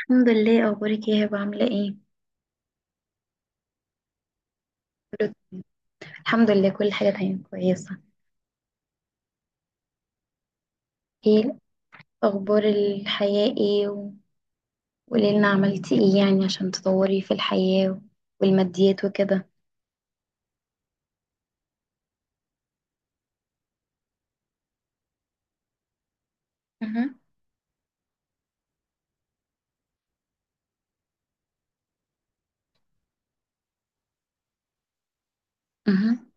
الحمد لله، اخبارك ايه هبه؟ عامله ايه؟ كله تمام. الحمد لله، كل حاجه تمام كويسه. ايه اخبار الحياه ايه؟ وقولي لنا عملتي ايه يعني عشان تطوري في الحياه والماديات وكده. مهم. مهم.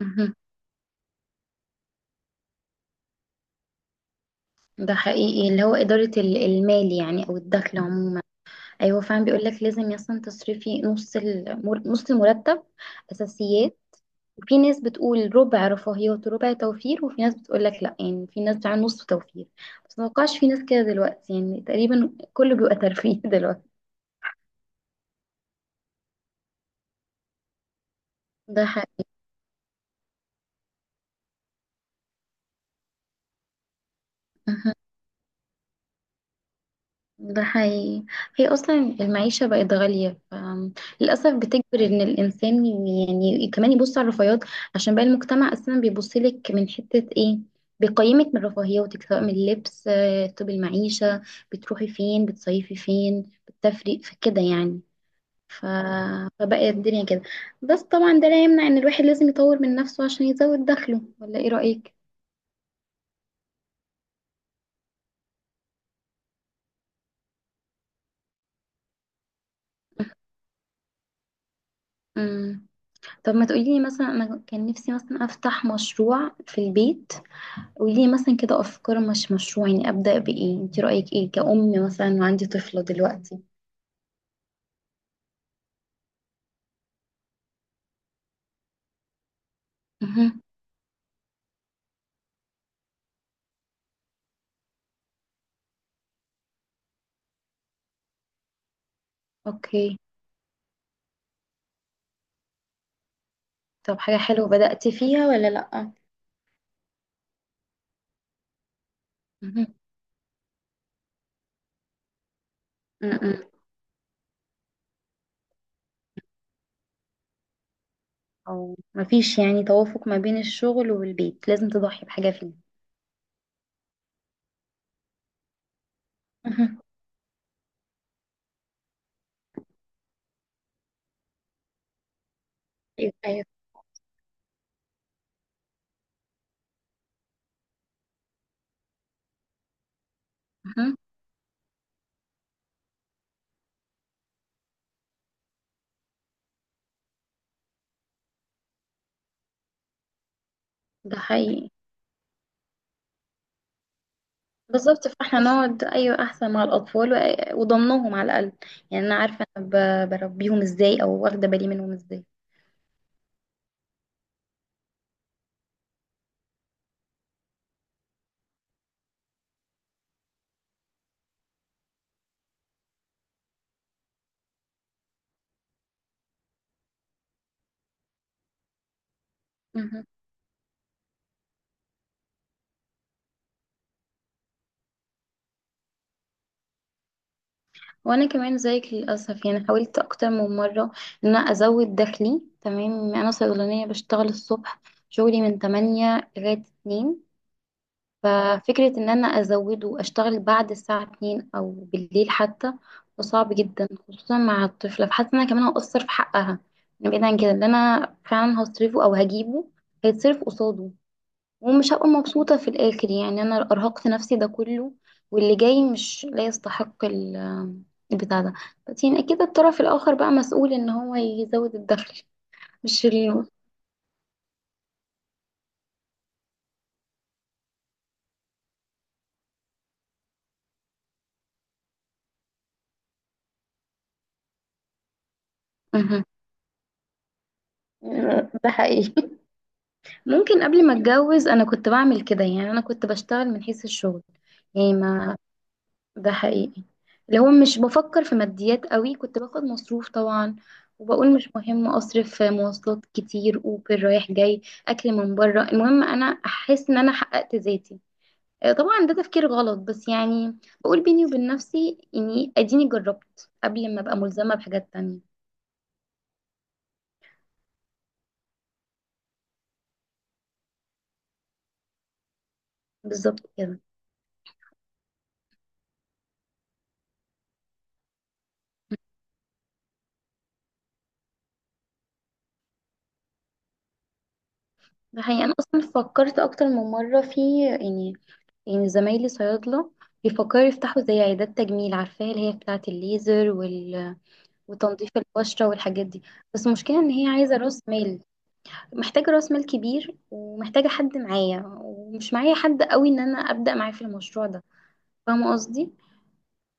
مهم. ده حقيقي، اللي هو إدارة المال يعني أو الدخل عموما. أيوة، فعلا بيقولك لازم أصلا تصرفي نص المرتب. أساسيات. في ناس بتقول ربع رفاهيات وربع توفير، وفي ناس بتقول لك لا، يعني في ناس بتعمل نص توفير. بس ما اتوقعش في ناس كده دلوقتي، يعني تقريبا كله بيبقى ترفيه دلوقتي. ده حقيقي. ده حقيقي. هي اصلا المعيشه بقت غاليه، للاسف بتجبر ان الانسان يعني كمان يبص على الرفاهيات. عشان بقى المجتمع اصلا بيبص لك من حته ايه، بيقيمك من رفاهياتك، سواء من اللبس آه، طب المعيشه، بتروحي فين، بتصيفي فين، بتفرق في كده يعني. ف... فبقى الدنيا كده. بس طبعا ده لا يمنع ان الواحد لازم يطور من نفسه عشان يزود دخله، ولا ايه رأيك؟ امم طب ما تقولي لي مثلا، انا كان نفسي مثلا افتح مشروع في البيت. قولي لي مثلا كده افكار، مش مشروع يعني، ابدأ بايه؟ انت رأيك ايه كأم مثلا وعندي طفلة دلوقتي؟ امم اوكي. طب حاجة حلوة بدأت فيها ولا لأ؟ امم امم او مفيش يعني توافق ما بين الشغل والبيت، لازم تضحي بحاجة فيه. مهم. ايوه أيوة. مهم. ده حقيقي. بالظبط، فاحنا نقعد ايوه احسن مع الاطفال، وضمنهم على الاقل. يعني انا عارفه انا بربيهم ازاي او واخده بالي منهم ازاي. مهم. وانا كمان زيك للاسف، يعني حاولت اكتر من مره ان انا ازود دخلي. تمام، انا صيدلانيه بشتغل الصبح، شغلي من 8 لغايه 2. ففكرة ان انا ازوده واشتغل بعد الساعة 2 او بالليل حتى، ده صعب جدا خصوصا مع الطفلة، فحاسة ان انا كمان هقصر في حقها. يعني بعيد عن كده، اللي انا فعلا هصرفه او هجيبه هيتصرف قصاده، ومش هبقى مبسوطة في الاخر، يعني انا ارهقت نفسي ده كله واللي جاي مش لا يستحق البتاع ده. بس يعني اكيد الطرف الاخر بقى مسؤول ان هو يزود الدخل. مش ال... مهم. ده حقيقي. ممكن قبل ما اتجوز انا كنت بعمل كده، يعني انا كنت بشتغل من حيث الشغل يعني، ما ده حقيقي، اللي هو مش بفكر في ماديات قوي، كنت باخد مصروف طبعا، وبقول مش مهم اصرف في مواصلات كتير، اوبر رايح جاي، اكل من بره، المهم انا احس ان انا حققت ذاتي. آه، طبعا ده تفكير غلط، بس يعني بقول بيني وبين نفسي اني اديني جربت قبل ما ابقى ملزمة بحاجات تانية. بالظبط كده. ده حقيقي. انا اصلا فكرت اكتر من مره في يعني، يعني زمايلي صيادله بيفكروا يفتحوا زي عيادات تجميل، عارفاها اللي هي بتاعه الليزر وتنظيف البشره والحاجات دي. بس المشكله ان هي عايزه راس مال، محتاجه راس مال كبير، ومحتاجه حد معايا، ومش معايا حد قوي ان انا ابدا معاه في المشروع ده، فاهمه قصدي؟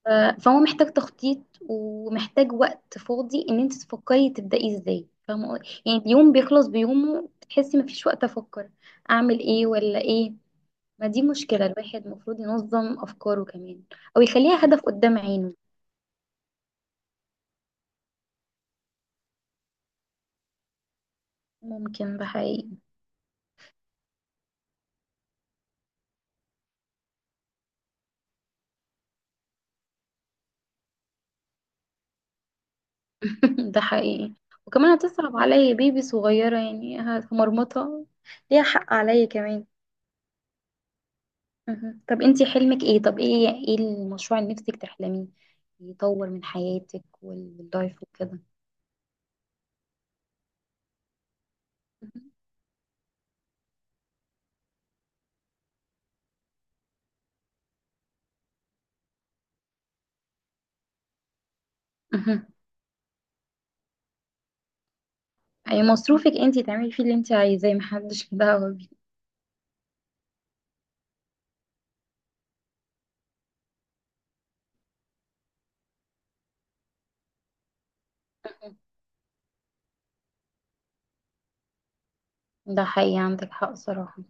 فهو محتاج تخطيط، ومحتاج وقت فاضي ان انت تفكري تبدأي ازاي، فاهمة قصدي؟ يعني اليوم بيخلص بيومه، تحسي مفيش وقت افكر اعمل ايه ولا ايه. ما دي مشكلة، الواحد المفروض ينظم افكاره كمان، او يخليها هدف قدام عينه. ممكن، ده حقيقي. ده حقيقي. وكمان هتصعب عليا، بيبي صغيرة يعني هتمرمطها، ليها حق عليا كمان. مهم. طب انتي حلمك ايه؟ طب ايه المشروع اللي نفسك تحلميه يطور من حياتك واللايف وكده؟ مهم. مهم. اي مصروفك انتي تعملي فيه اللي انتي عايزاه، محدش له دعوة بيه. مهم. ده حقيقي، عندك حق صراحة.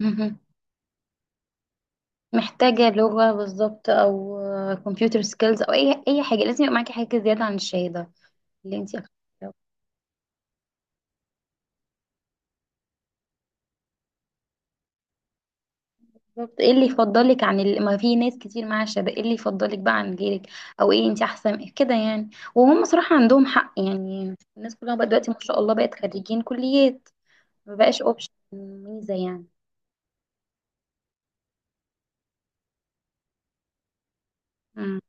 مهم. محتاجة لغة بالظبط، او كمبيوتر سكيلز، او اي حاجة، لازم يبقى معاكي حاجة زيادة عن الشهادة اللي انتي اخدتيها. بالظبط، ايه اللي يفضلك عن ما في ناس كتير معاها شهادة؟ ايه اللي يفضلك بقى عن غيرك؟ او ايه انت احسن كده يعني؟ وهم صراحة عندهم حق، يعني الناس كلها بقى دلوقتي ما شاء الله بقت خريجين كليات، ما بقاش اوبشن ميزة يعني. مم.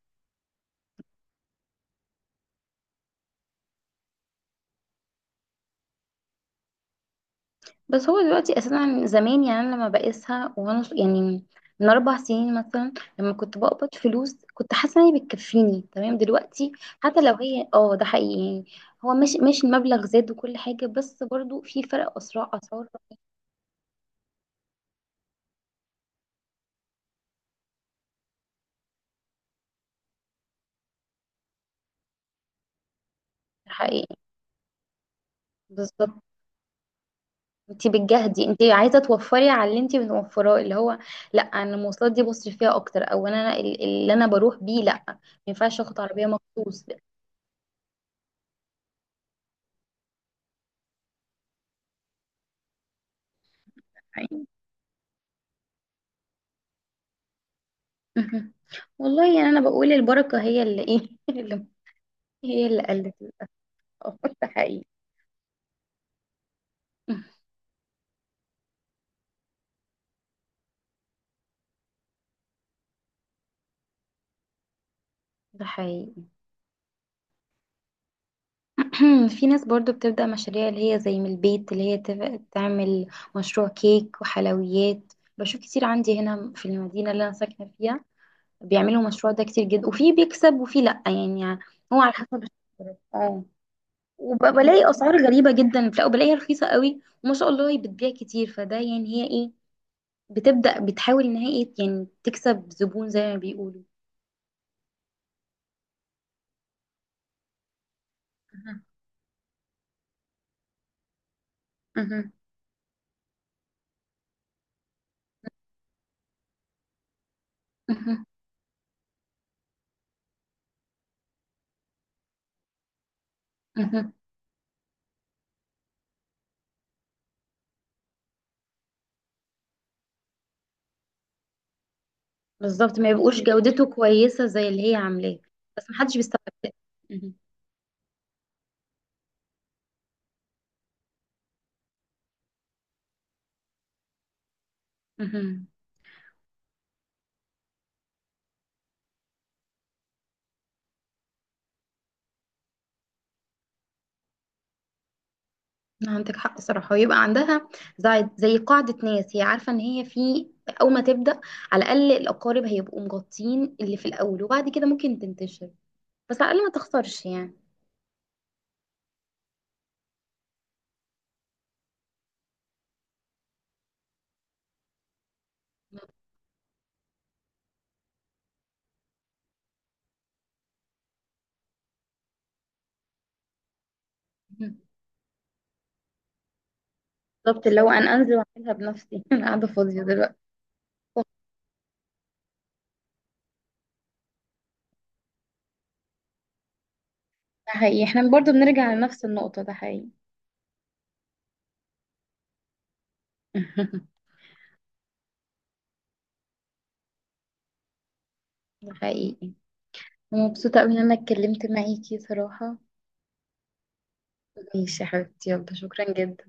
بس هو دلوقتي اساسا، زمان يعني انا لما بقيسها وانا يعني من 4 سنين مثلا، لما كنت بقبض فلوس كنت حاسه ان هي بتكفيني تمام. دلوقتي حتى لو هي اه ده حقيقي يعني، هو ماشي ماشي، المبلغ زاد وكل حاجه، بس برضو في فرق، اسرع اسعار رهيب، ده حقيقي. بالظبط، انت بتجهدي، انت عايزه توفري على اللي انت بنوفراه اللي هو، لا انا المواصلات دي بصرف فيها اكتر، او انا اللي انا بروح بيه، لا ما ينفعش اخد عربيه مخصوص يعني. مهم. والله، يعني انا بقول البركه هي اللي ايه، اللي هي اللي قلت للأسف. ده حقيقي. ده حقيقي. في ناس برضو بتبدأ مشاريع اللي هي زي من البيت، اللي هي تعمل مشروع كيك وحلويات. بشوف كتير عندي هنا في المدينة اللي أنا ساكنة فيها بيعملوا مشروع ده كتير جدا، وفي بيكسب وفي لأ يعني، هو على حسب الشهرة. اه. وبلاقي أسعار غريبة جدا، لا وبلاقيها رخيصة قوي، وما شاء الله هي بتبيع كتير، فده يعني هي ايه، بتبدأ بتحاول ان هي ايه يعني تكسب زبون زي ما بيقولوا. مهم. مهم. مهم. مهم. بالظبط، ما يبقوش جودته كويسة زي اللي هي عاملاه، بس محدش بيستوعب ده. مهم. مهم. عندك حق صراحة، ويبقى عندها زي قاعدة ناس، هي عارفة ان هي في اول ما تبدأ على الاقل الاقارب هيبقوا مغطين اللي في الاول، وبعد كده ممكن تنتشر. بس على الاقل ما تخسرش يعني. مم. بالظبط، اللي هو انا انزل واعملها بنفسي، انا قاعدة فاضية دلوقتي. صح، ده حقيقي، احنا برضو بنرجع لنفس النقطة. ده حقيقي. ده حقيقي. مبسوطة أوي إن أنا اتكلمت معاكي صراحة. ماشي يا حبيبتي، يلا شكرا جدا.